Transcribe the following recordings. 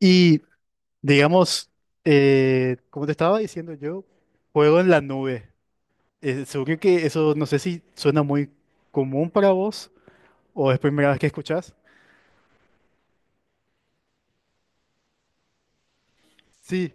Y digamos, como te estaba diciendo yo, juego en la nube. Seguro que eso no sé si suena muy común para vos o es primera vez que escuchás. Sí,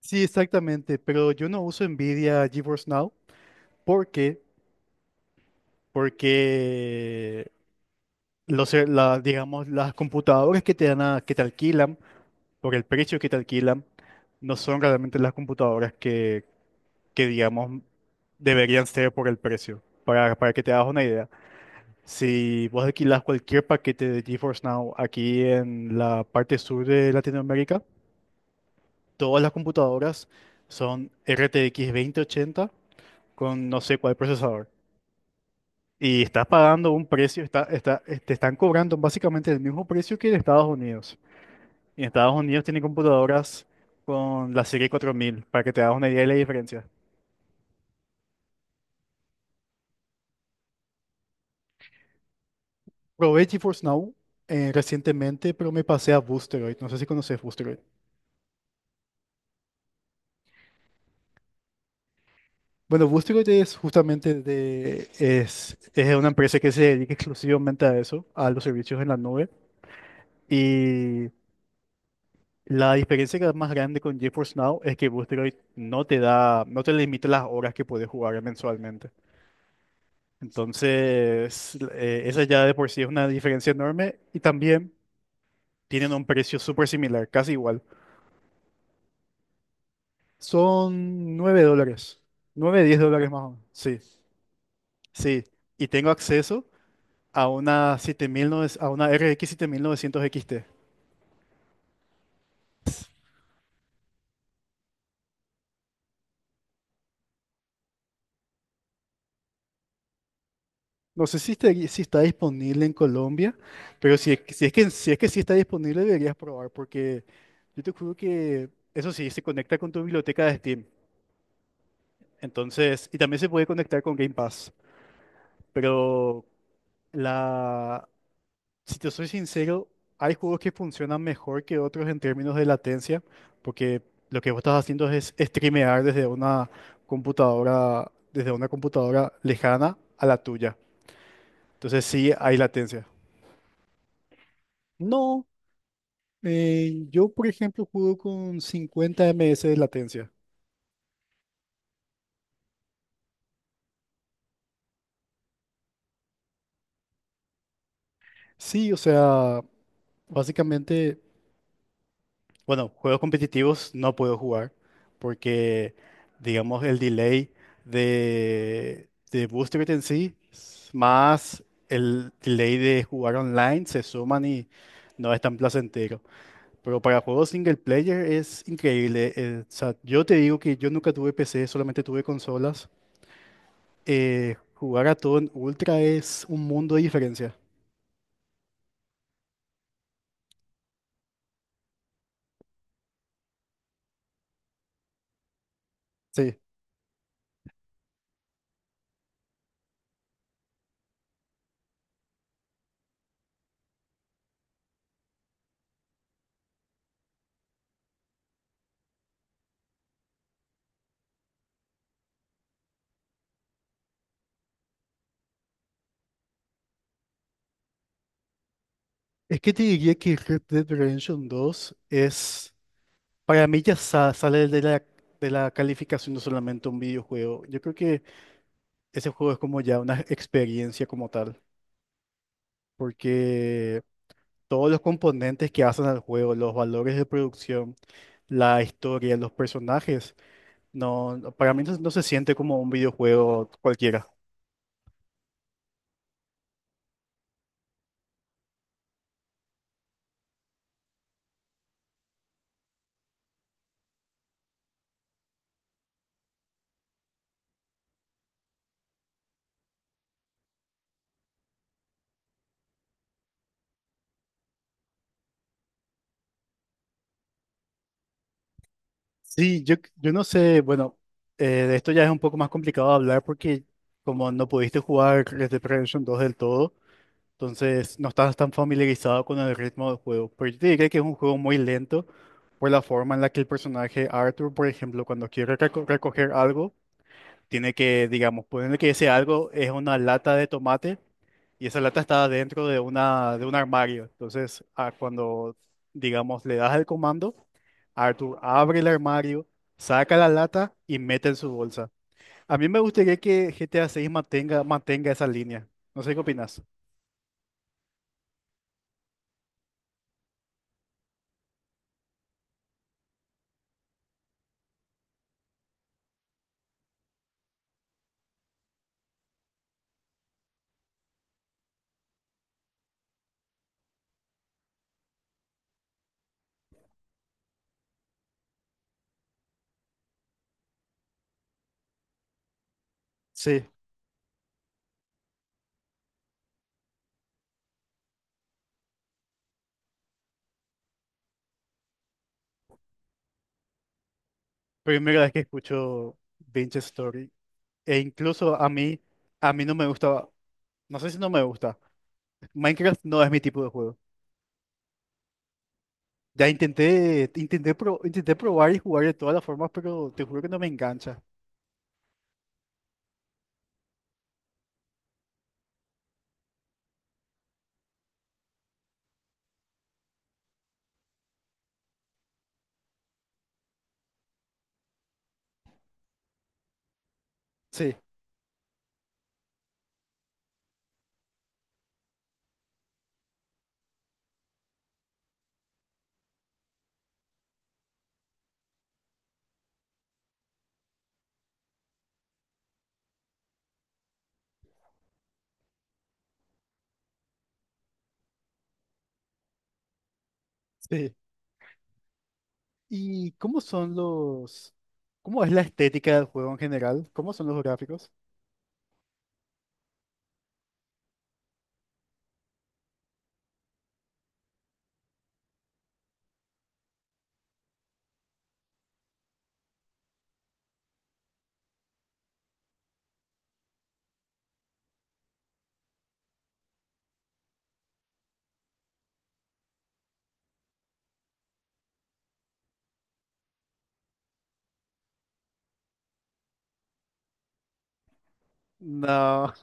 sí, exactamente. Pero yo no uso NVIDIA GeForce Now. ¿Por qué? Porque digamos, las computadoras que te que te alquilan, por el precio que te alquilan, no son realmente las computadoras que digamos deberían ser por el precio. Para que te hagas una idea, si vos alquilás cualquier paquete de GeForce Now aquí en la parte sur de Latinoamérica, todas las computadoras son RTX 2080 con no sé cuál procesador. Y estás pagando un precio, te están cobrando básicamente el mismo precio que en Estados Unidos. Y en Estados Unidos tienen computadoras con la serie 4000, para que te hagas una idea de la diferencia. Probé GeForce Now recientemente, pero me pasé a Boosteroid. No sé si conoces Boosteroid. Bueno, Boosteroid es justamente es una empresa que se dedica exclusivamente a eso, a los servicios en la nube. Y la diferencia que es más grande con GeForce Now es que Boosteroid no te limita las horas que puedes jugar mensualmente. Entonces, esa ya de por sí es una diferencia enorme y también tienen un precio súper similar, casi igual. Son 9 dólares. Nueve 10 dólares más o menos. Sí, sí. Y tengo acceso a una RX 7900 XT. No sé si está, si está disponible en Colombia, pero si es si es que sí está disponible, deberías probar, porque yo te juro que eso sí, se conecta con tu biblioteca de Steam. Entonces, y también se puede conectar con Game Pass, pero la, si te soy sincero, hay juegos que funcionan mejor que otros en términos de latencia, porque lo que vos estás haciendo es streamear desde una computadora lejana a la tuya. Entonces sí hay latencia. No, yo por ejemplo juego con 50 ms de latencia. Sí, o sea, básicamente, bueno, juegos competitivos no puedo jugar porque, digamos, el delay de Boost Rate en sí más el delay de jugar online, se suman y no es tan placentero. Pero para juegos single player es increíble. O sea, yo te digo que yo nunca tuve PC, solamente tuve consolas. Jugar a todo en Ultra es un mundo de diferencia. Sí. Es que te diría que Red Dead Redemption 2 es. Para mí ya sale de la calificación no solamente un videojuego. Yo creo que ese juego es como ya una experiencia como tal, porque todos los componentes que hacen al juego, los valores de producción, la historia, los personajes, para mí no, no se siente como un videojuego cualquiera. Sí, yo no sé, bueno, de esto ya es un poco más complicado hablar porque como no pudiste jugar Red Dead Redemption 2 del todo, entonces, no estás tan familiarizado con el ritmo del juego. Pero yo te diría que es un juego muy lento por la forma en la que el personaje Arthur, por ejemplo, cuando quiere recoger algo, tiene que, digamos, ponerle que ese algo es una lata de tomate y esa lata está dentro de de un armario. Entonces, ah, cuando, digamos, le das el comando, Arthur abre el armario, saca la lata y mete en su bolsa. A mí me gustaría que GTA 6 mantenga esa línea. No sé qué opinas. Sí. Primera vez que escucho Binge Story. E incluso a mí no me gusta. No sé si no me gusta. Minecraft no es mi tipo de juego. Ya intenté probar y jugar de todas las formas, pero te juro que no me engancha. Sí, sí. ¿Y cómo son los... ¿Cómo es la estética del juego en general? ¿Cómo son los gráficos? No,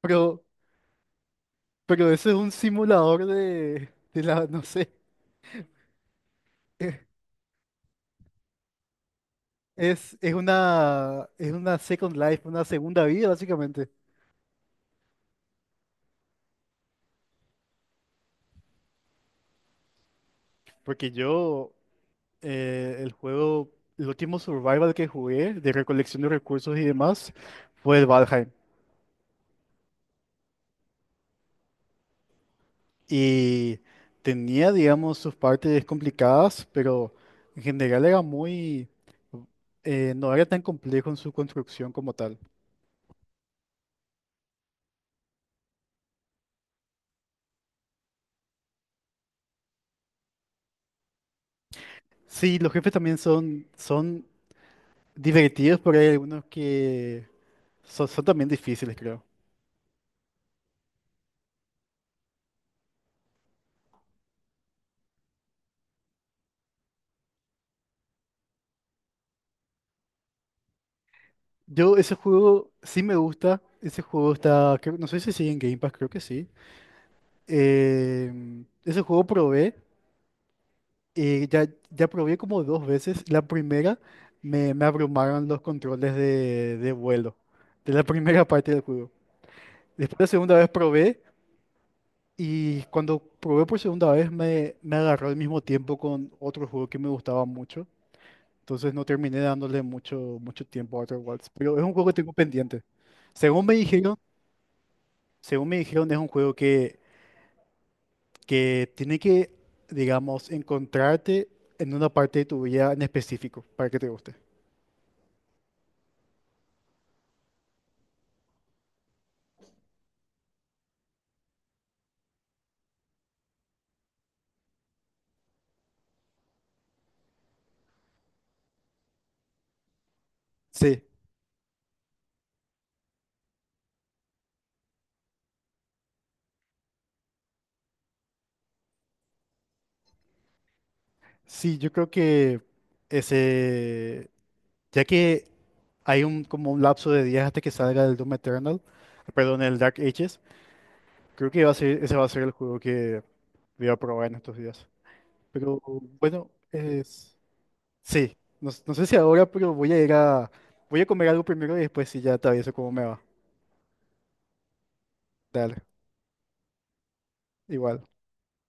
pero, pero ese es un simulador de la, no sé. eh, Es, es una Second Life, una segunda vida, básicamente. Porque yo, el juego, el último survival que jugué de recolección de recursos y demás fue el Valheim. Y tenía, digamos, sus partes complicadas, pero en general era muy... no era tan complejo en su construcción como tal. Sí, los jefes también son, son divertidos, pero hay algunos que son, son también difíciles, creo. Yo ese juego sí me gusta. Ese juego está, creo- no sé si sigue en Game Pass, creo que sí. Eh, ese juego probé, ya probé como dos veces. La primera me, me abrumaron los controles de vuelo, de la primera parte del juego. Después la segunda vez probé y cuando probé por segunda vez me, me agarró al mismo tiempo con otro juego que me gustaba mucho. Entonces no terminé dándole mucho, mucho tiempo a Outer Wilds, pero es un juego que tengo pendiente. Según me dijeron, según me dijeron es un juego que tiene que, digamos, encontrarte en una parte de tu vida en específico para que te guste. Sí, sí, yo creo que ese, ya que hay un como un lapso de días hasta que salga el Doom Eternal, perdón, el Dark Ages, creo que va a ese va a ser el juego que voy a probar en estos días. Pero bueno, es, sí, no, no sé si ahora, pero voy a ir a, voy a comer algo primero y después si ya te aviso cómo me va. Dale, igual.